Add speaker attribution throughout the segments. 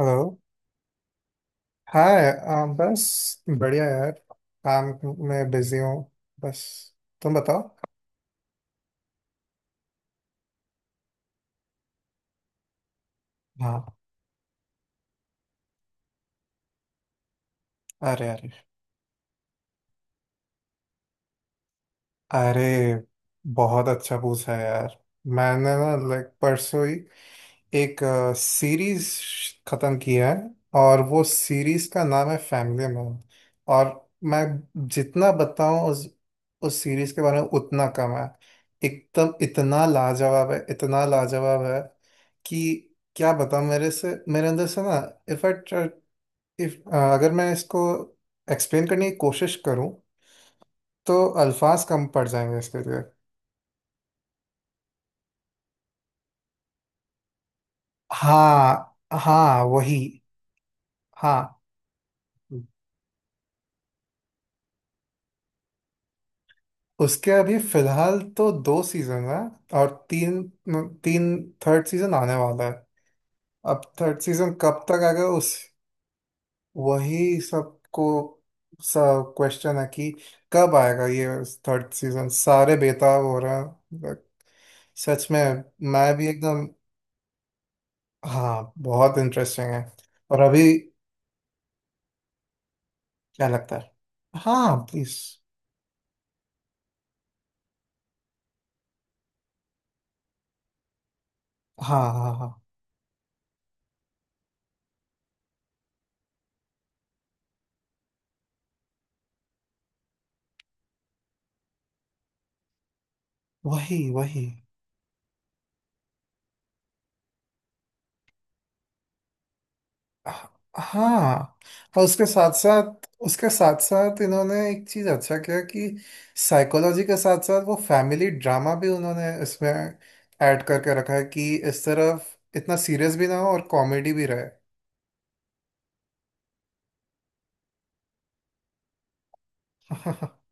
Speaker 1: Hello. हाय, बस बढ़िया यार। काम में बिजी हूँ। बस तुम बताओ। हाँ। अरे, अरे, अरे, बहुत अच्छा पूछा है यार। मैंने ना लाइक परसों ही एक सीरीज खत्म की है। और वो सीरीज का नाम है फैमिली मैन। और मैं जितना बताऊं उस सीरीज के बारे में उतना कम है। एकदम इतना लाजवाब है, इतना लाजवाब है कि क्या बताऊं। मेरे अंदर से ना, इफ आई इफ अगर मैं इसको एक्सप्लेन करने की कोशिश करूं तो अल्फाज कम पड़ जाएंगे इसके लिए। हाँ, हाँ वही। हाँ। उसके अभी फिलहाल तो दो सीजन है। और तीन तीन थर्ड सीजन आने वाला है। अब थर्ड सीजन कब तक आएगा। उस वही सबको सब क्वेश्चन है कि कब आएगा ये थर्ड सीजन। सारे बेताब हो रहे हैं। But सच में। मैं भी एकदम। हाँ, बहुत इंटरेस्टिंग है। और अभी। क्या लगता है? हाँ, प्लीज। हाँ, हाँ, हाँ। वही, वही। हाँ। और उसके साथ साथ इन्होंने एक चीज अच्छा किया कि साइकोलॉजी के साथ साथ वो फैमिली ड्रामा भी उन्होंने इसमें ऐड करके रखा है, कि इस तरफ इतना सीरियस भी ना हो और कॉमेडी भी रहे।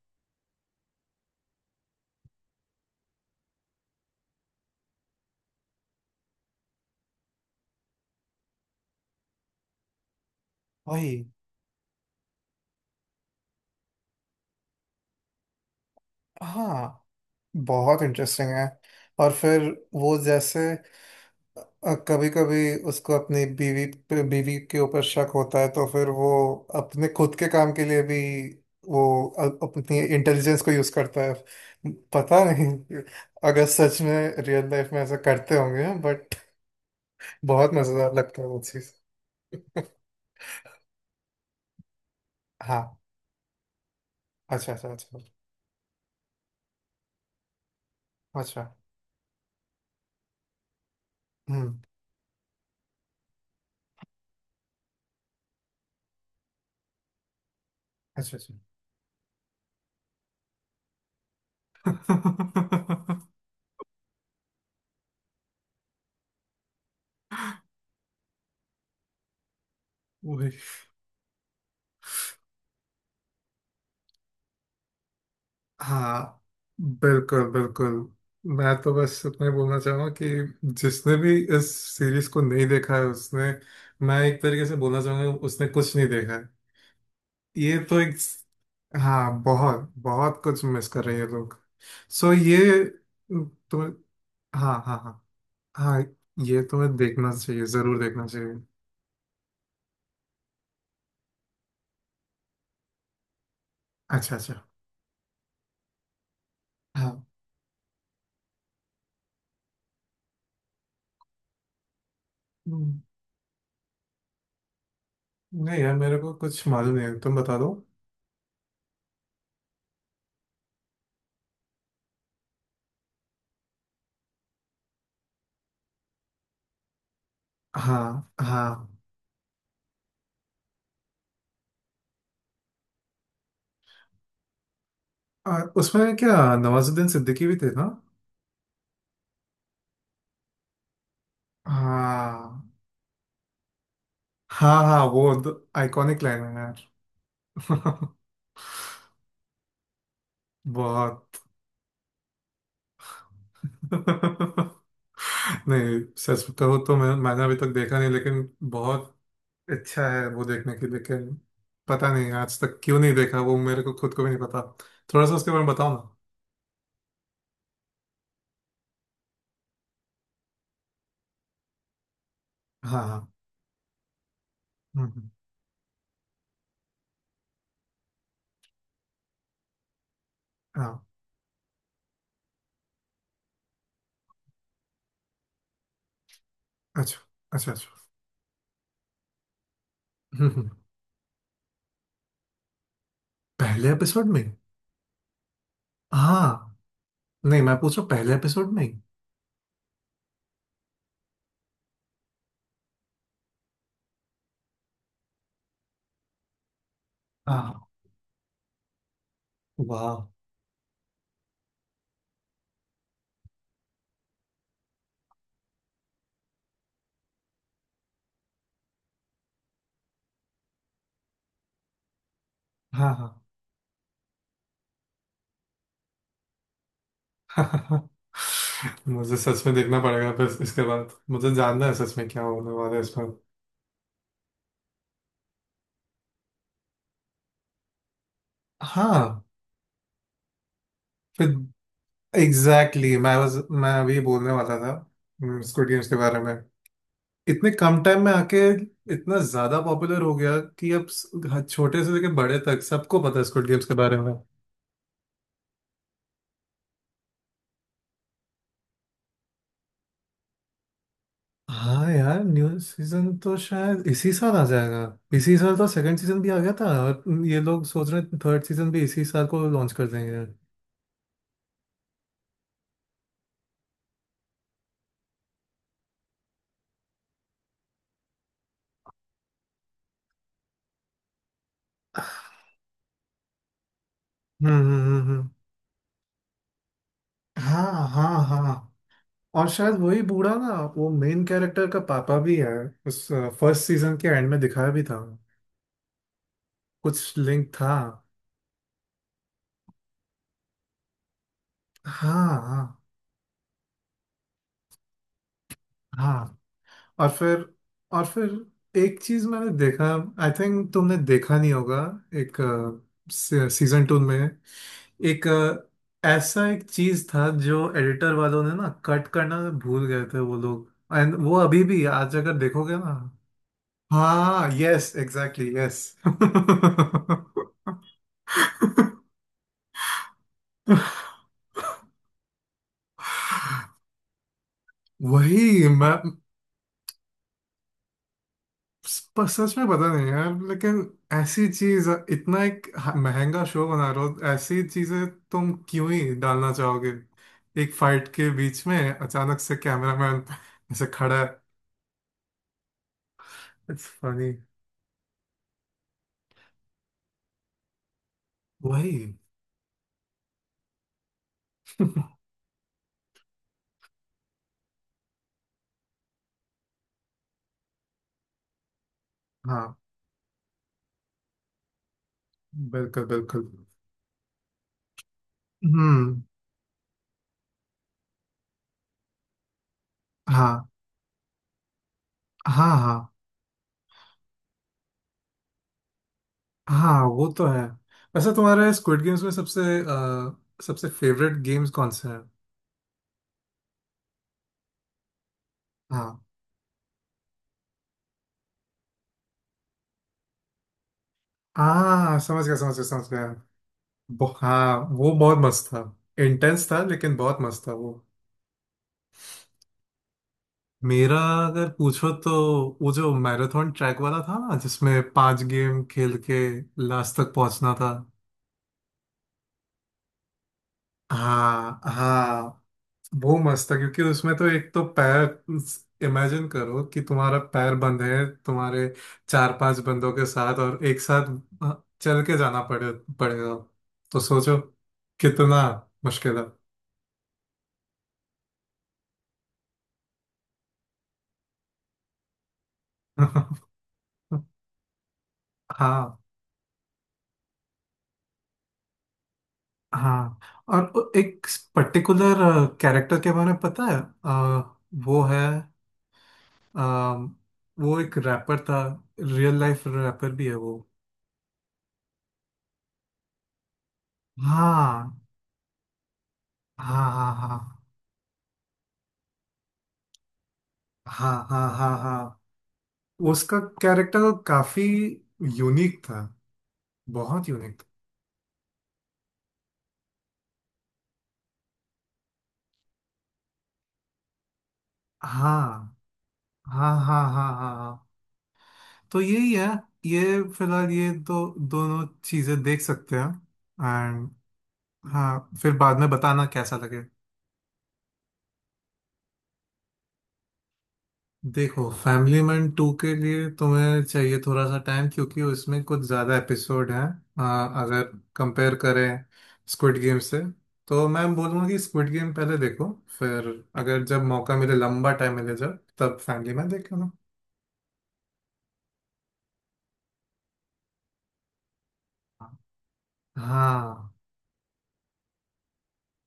Speaker 1: वही। हाँ, बहुत इंटरेस्टिंग है। और फिर वो जैसे कभी कभी उसको अपनी बीवी पे बीवी के ऊपर शक होता है, तो फिर वो अपने खुद के काम के लिए भी वो अपनी इंटेलिजेंस को यूज करता है। पता नहीं, अगर सच में रियल लाइफ में ऐसा करते होंगे, बट बहुत मजेदार लगता है वो चीज। हाँ। अच्छा, अच्छा, अच्छा। अच्छा। हम्म। अच्छा, अच्छा। वही। हाँ, बिल्कुल, बिल्कुल। मैं तो बस इतना ही बोलना चाहूंगा कि जिसने भी इस सीरीज को नहीं देखा है, उसने मैं एक तरीके से बोलना चाहूंगा, उसने कुछ नहीं देखा है। ये तो एक। हाँ, बहुत बहुत कुछ मिस कर रहे हैं ये लोग। सो ये तुम्हें हाँ, हाँ, हाँ, हाँ, ये तुम्हें देखना चाहिए, जरूर देखना चाहिए। अच्छा, अच्छा। हाँ। हम्म। नहीं यार, मेरे को कुछ मालूम नहीं है, तुम बता दो। हाँ, हाँ। उसमें क्या, नवाजुद्दीन सिद्दीकी भी थे ना? हाँ, हाँ, हाँ। वो आइकॉनिक लाइन है यार। बहुत। नहीं, सच बताओ तो मैंने अभी तक देखा नहीं, लेकिन बहुत अच्छा है वो देखने की, लेकिन पता नहीं आज तक क्यों नहीं देखा, वो मेरे को खुद को भी नहीं पता। थोड़ा सा उसके बारे में बताओ ना। हाँ, हाँ। हम्म। हम्म। हाँ। अच्छा, अच्छा, अच्छा। हम्म। हम्म। पहले एपिसोड में। हाँ। नहीं मैं पूछू, पहले एपिसोड में ही? हाँ। वाह। हाँ, हाँ। मुझे सच में देखना पड़ेगा फिर। इसके बाद मुझे जानना है सच में क्या होने वाला है इस पर। हाँ। फिर एग्जैक्टली exactly, मैं अभी बोलने वाला था स्क्विड गेम्स के बारे में। इतने कम टाइम में आके इतना ज्यादा पॉपुलर हो गया कि अब हर छोटे से लेकर बड़े तक सबको पता है स्क्विड गेम्स के बारे में। हाँ यार, न्यू सीजन तो शायद इसी साल आ जाएगा। इसी साल तो सेकंड सीजन भी आ गया था, और ये लोग सोच रहे हैं थर्ड सीजन भी इसी साल को लॉन्च कर देंगे। हम्म। हम्म। हम्म। हम्म। हाँ, हाँ, हाँ। और शायद वही बूढ़ा ना, वो मेन कैरेक्टर का पापा भी है। उस फर्स्ट सीजन के एंड में दिखाया भी था, कुछ लिंक था। हाँ, हाँ, हाँ। और फिर। और फिर एक चीज मैंने देखा, आई थिंक तुमने देखा नहीं होगा। एक सीजन टू में ऐसा एक चीज था जो एडिटर वालों ने ना कट करना भूल गए थे वो लोग। एंड वो अभी भी, आज अगर देखोगे ना। हाँ, यस, एग्जैक्टली, यस। वही। सच में पता नहीं यार, लेकिन ऐसी चीज, इतना महंगा शो बना रहे हो, ऐसी चीजें तुम क्यों ही डालना चाहोगे। एक फाइट के बीच में अचानक से कैमरामैन ऐसे खड़ा है। It's funny. वही। हाँ, बिल्कुल, बिल्कुल। हम्म। हाँ, हाँ, हाँ, हाँ। वो तो है। वैसे तुम्हारे स्क्विड गेम्स में सबसे फेवरेट गेम्स कौन से हैं? हाँ। हाँ, समझ गया, समझ गया, समझ गया। हाँ, वो बहुत मस्त था। इंटेंस था लेकिन बहुत मस्त था वो। मेरा अगर पूछो तो, वो जो मैराथन ट्रैक वाला था ना, जिसमें पांच गेम खेल के लास्ट तक पहुंचना था। हाँ, हाँ। वो मस्त था क्योंकि उसमें तो एक तो पैर, इमेजिन करो कि तुम्हारा पैर बंद है तुम्हारे चार पांच बंदों के साथ, और एक साथ चल के जाना पड़ेगा। तो सोचो कितना मुश्किल है। हाँ, हाँ। और एक पर्टिकुलर कैरेक्टर के बारे में पता है, वो है अ, वो एक रैपर था, रियल लाइफ रैपर भी है वो। हाँ, हाँ, हाँ, हाँ, हाँ, हाँ, हाँ, हाँ। उसका कैरेक्टर तो काफी यूनिक था, बहुत यूनिक था। हाँ, हाँ, हाँ, हाँ, हाँ, हाँ। तो यही है, ये फिलहाल ये दो दोनों चीजें देख सकते हैं। एंड। हाँ, फिर बाद में बताना कैसा लगे। देखो, फैमिली मैन टू के लिए तुम्हें चाहिए थोड़ा सा टाइम, क्योंकि उसमें कुछ ज़्यादा एपिसोड हैं। हाँ, अगर कंपेयर करें स्क्विड गेम से, तो मैं बोलूँगा कि स्क्विड गेम पहले देखो। फिर अगर जब मौका मिले, लंबा टाइम मिले, जब तब फैमिली मैन देख लेना। हाँ।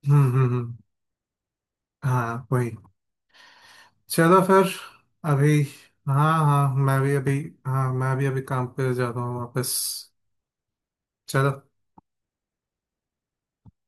Speaker 1: हम्म, हम्म, हम्म। हाँ, वही। चलो फिर। अभी, हाँ, हाँ, मैं भी अभी हाँ, मैं भी अभी काम पे जाता हूँ वापस। चलो।